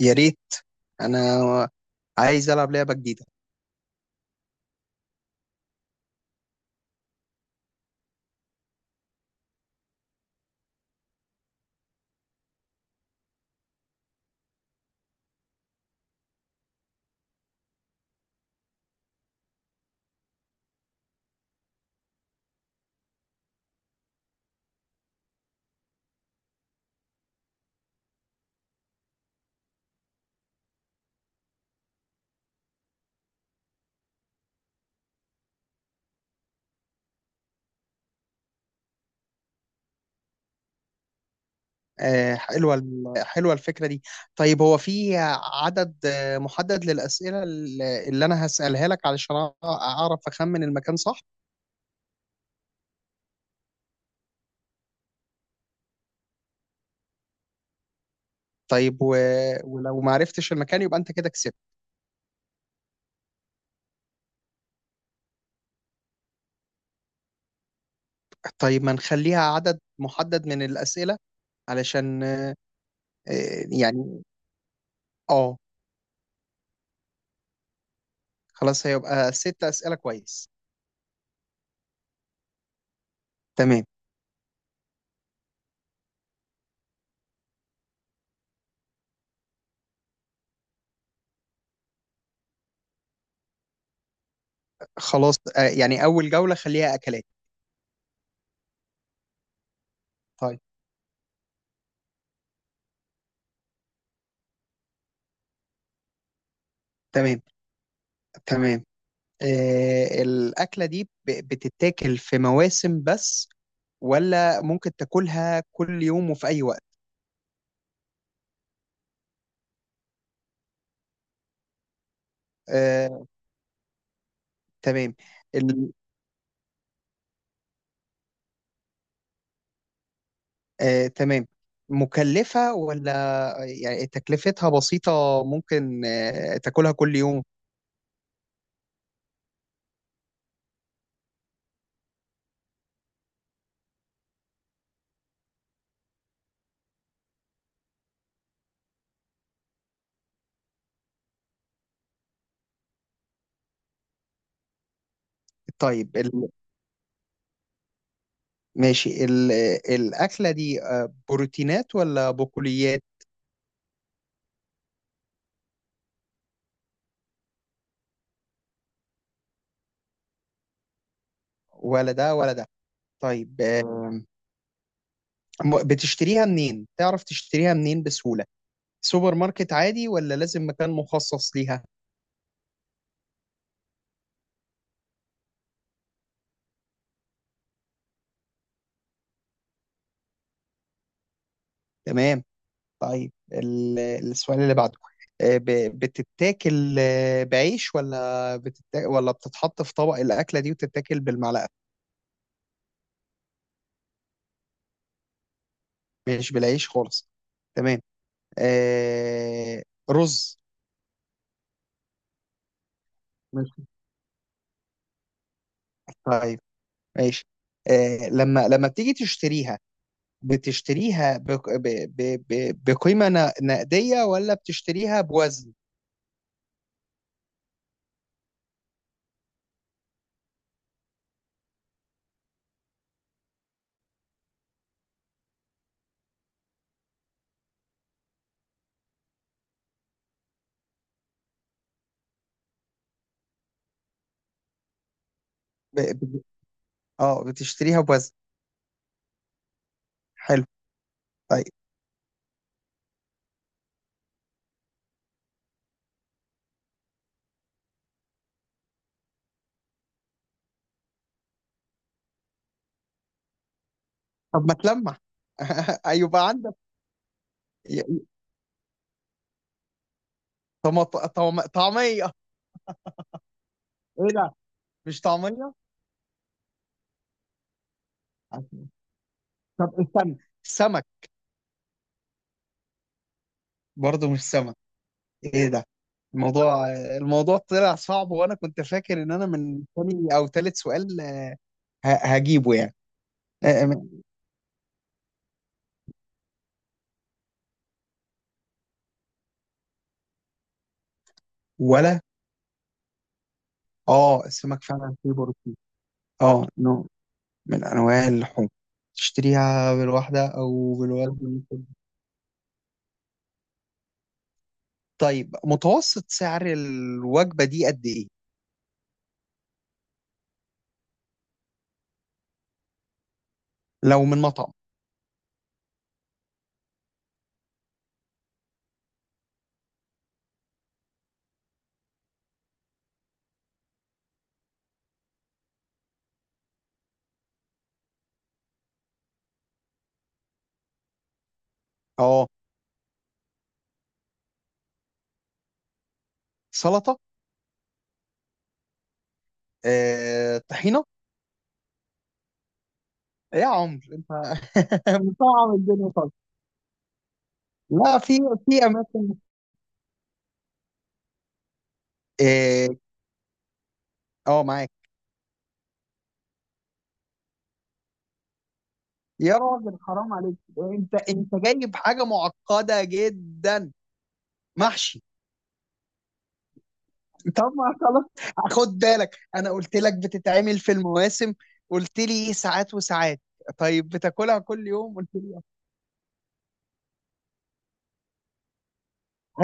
يا ريت. انا عايز العب لعبه جديده. حلوه حلوه الفكره دي. طيب هو في عدد محدد للاسئله اللي انا هسالها لك علشان اعرف اخمن المكان صح؟ طيب ولو ما عرفتش المكان يبقى انت كده كسبت. طيب ما نخليها عدد محدد من الاسئله، علشان آه، يعني اه خلاص هيبقى 6 اسئله، كويس. تمام. خلاص، يعني اول جوله خليها اكلات. طيب. تمام. تمام، الأكلة دي بتتاكل في مواسم بس، ولا ممكن تاكلها كل يوم وفي أي وقت؟ آه، تمام. ال... آه، تمام. مكلفة ولا يعني تكلفتها بسيطة؟ ممكن تاكلها كل يوم؟ طيب ماشي. ال... آه، الأكلة دي بروتينات ولا بقوليات؟ ولا ده ولا ده؟ طيب، بتشتريها منين؟ تعرف تشتريها منين بسهولة؟ سوبر ماركت عادي ولا لازم مكان مخصص ليها؟ تمام. طيب السؤال اللي بعده، بتتاكل بعيش، ولا بتتاكل، ولا بتتحط في طبق الأكلة دي وتتاكل بالمعلقة؟ مش بالعيش خالص. تمام. آه، رز؟ ماشي. طيب. ماشي. لما بتيجي تشتريها، بتشتريها بق- ب- ب- ب- بقيمة نقدية ولا بتشتريها بوزن؟ ب- ب- اه بتشتريها بوزن. حلو. طيب. طب ما تلمح. ايوه بقى عندك. طعميه؟ ايه ده، مش طعميه. طب استنى، السمك. برضه مش سمك. ايه ده، الموضوع الموضوع طلع صعب، وانا كنت فاكر ان انا من تاني او تالت سؤال هجيبه يعني. آه، م- ولا، اه السمك فعلا فيه بروتين. اه، نوع من انواع اللحوم. تشتريها بالواحده او بالوجبه؟ طيب متوسط سعر الوجبه دي قد ايه؟ لو من مطعم؟ اه. سلطه؟ طحينه؟ إيه يا عمر انت! مصعب الدنيا خالص. لا، في اماكن. اه، معاك. يا راجل حرام عليك، انت جايب حاجه معقده جدا. محشي. طب ما خلاص، خد بالك انا قلت لك بتتعمل في المواسم، قلت لي ساعات وساعات. طيب بتاكلها كل يوم؟ قلت لي لا.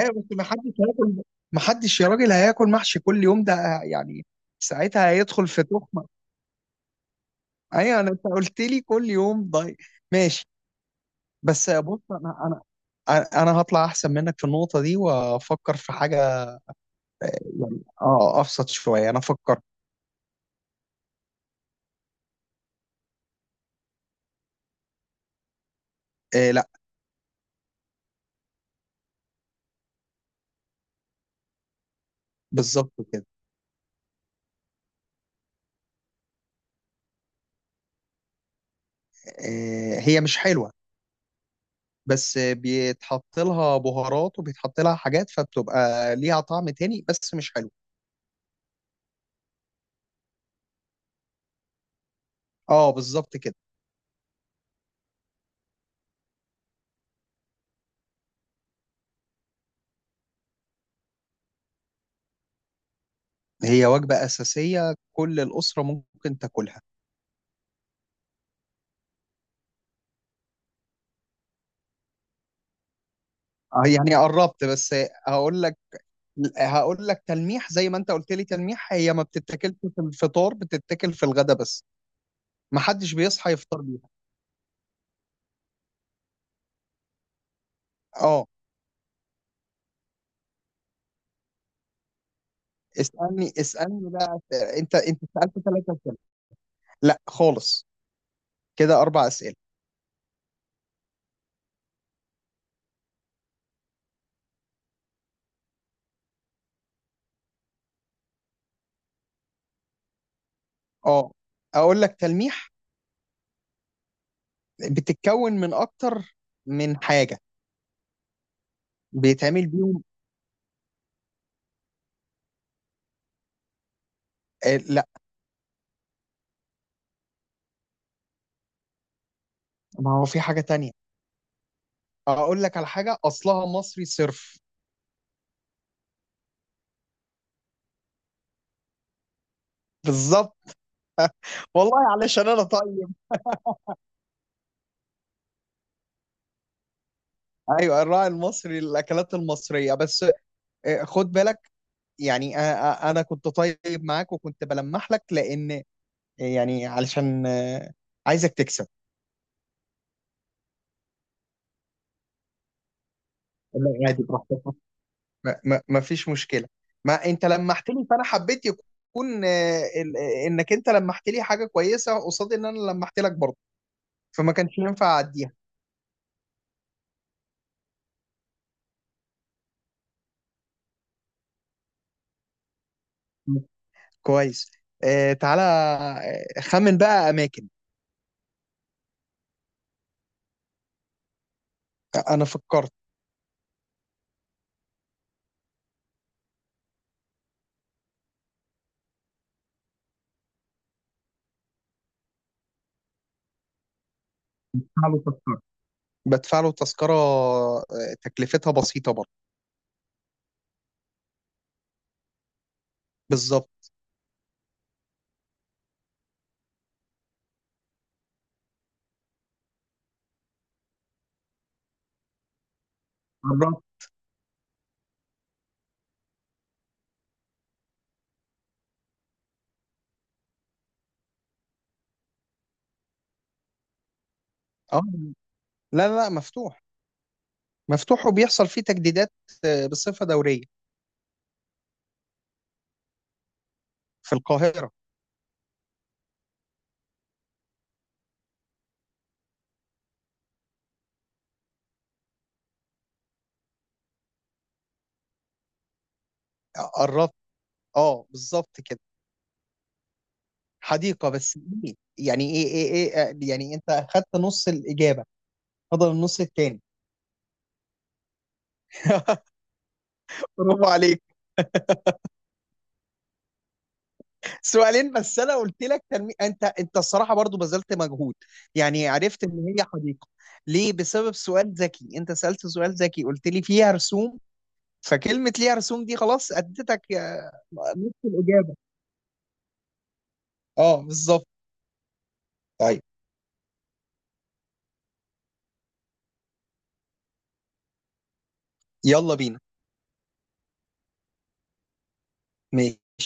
ايوه، بس ما حدش هياكل. ما حدش يا راجل هياكل محشي كل يوم ده، يعني ساعتها هيدخل في تخمه. ايوه انا، انت قلت لي كل يوم، ضايق. ماشي. بس بص، انا هطلع احسن منك في النقطه دي، وافكر في حاجه. يعني اه، ابسط شويه انا افكر. آه لا. بالظبط كده. آه، هي مش حلوه، بس بيتحط لها بهارات وبيتحط لها حاجات، فبتبقى ليها طعم تاني، بس مش حلو. اه بالظبط كده. هي وجبه اساسيه، كل الاسره ممكن تاكلها. يعني قربت بس. هقول لك هقول لك تلميح، زي ما انت قلت لي تلميح، هي ما بتتاكلش في الفطار، بتتاكل في الغدا بس. ما حدش بيصحى يفطر بيها. اه. اسالني اسالني بقى. انت سالت 3 اسئله. لا خالص، كده 4 اسئله. اه، اقول لك تلميح. بتتكون من اكتر من حاجه بيتعمل بيهم. آه لا. ما هو في حاجه تانية. اقول لك على حاجه اصلها مصري صرف. بالظبط. والله علشان انا طيب. ايوه، الراعي المصري، الاكلات المصريه بس. خد بالك، يعني انا كنت طيب معاك، وكنت بلمح لك، لان يعني علشان عايزك تكسب. لا، عادي براحتك. ما فيش مشكله. ما انت لمحت لي، فانا حبيت يكون انك انت لمحت لي حاجه كويسه قصاد ان انا لمحت لك برضه. فما كانش ينفع اعديها. مم. كويس. تعالى خمن بقى اماكن. انا فكرت. بدفع له تذكرة بدفع له تذكرة، تكلفتها بسيطة برضه. بالظبط. بالظبط. اه، لا لا لا، مفتوح. مفتوح، وبيحصل فيه تجديدات بصفة دورية. في القاهرة. قربت. اه بالظبط كده. حديقة، بس إيه؟ يعني ايه، يعني انت اخدت نص الإجابة، فضل النص التاني. برافو عليك. سؤالين بس، انا قلت لك انت الصراحه برضو بذلت مجهود. يعني عرفت ان هي حديقه ليه؟ بسبب سؤال ذكي، انت سالت سؤال ذكي قلت لي فيها رسوم. فكلمه ليها رسوم دي خلاص اديتك نص الاجابه. اه بالظبط. طيب. يلا بينا. ماشي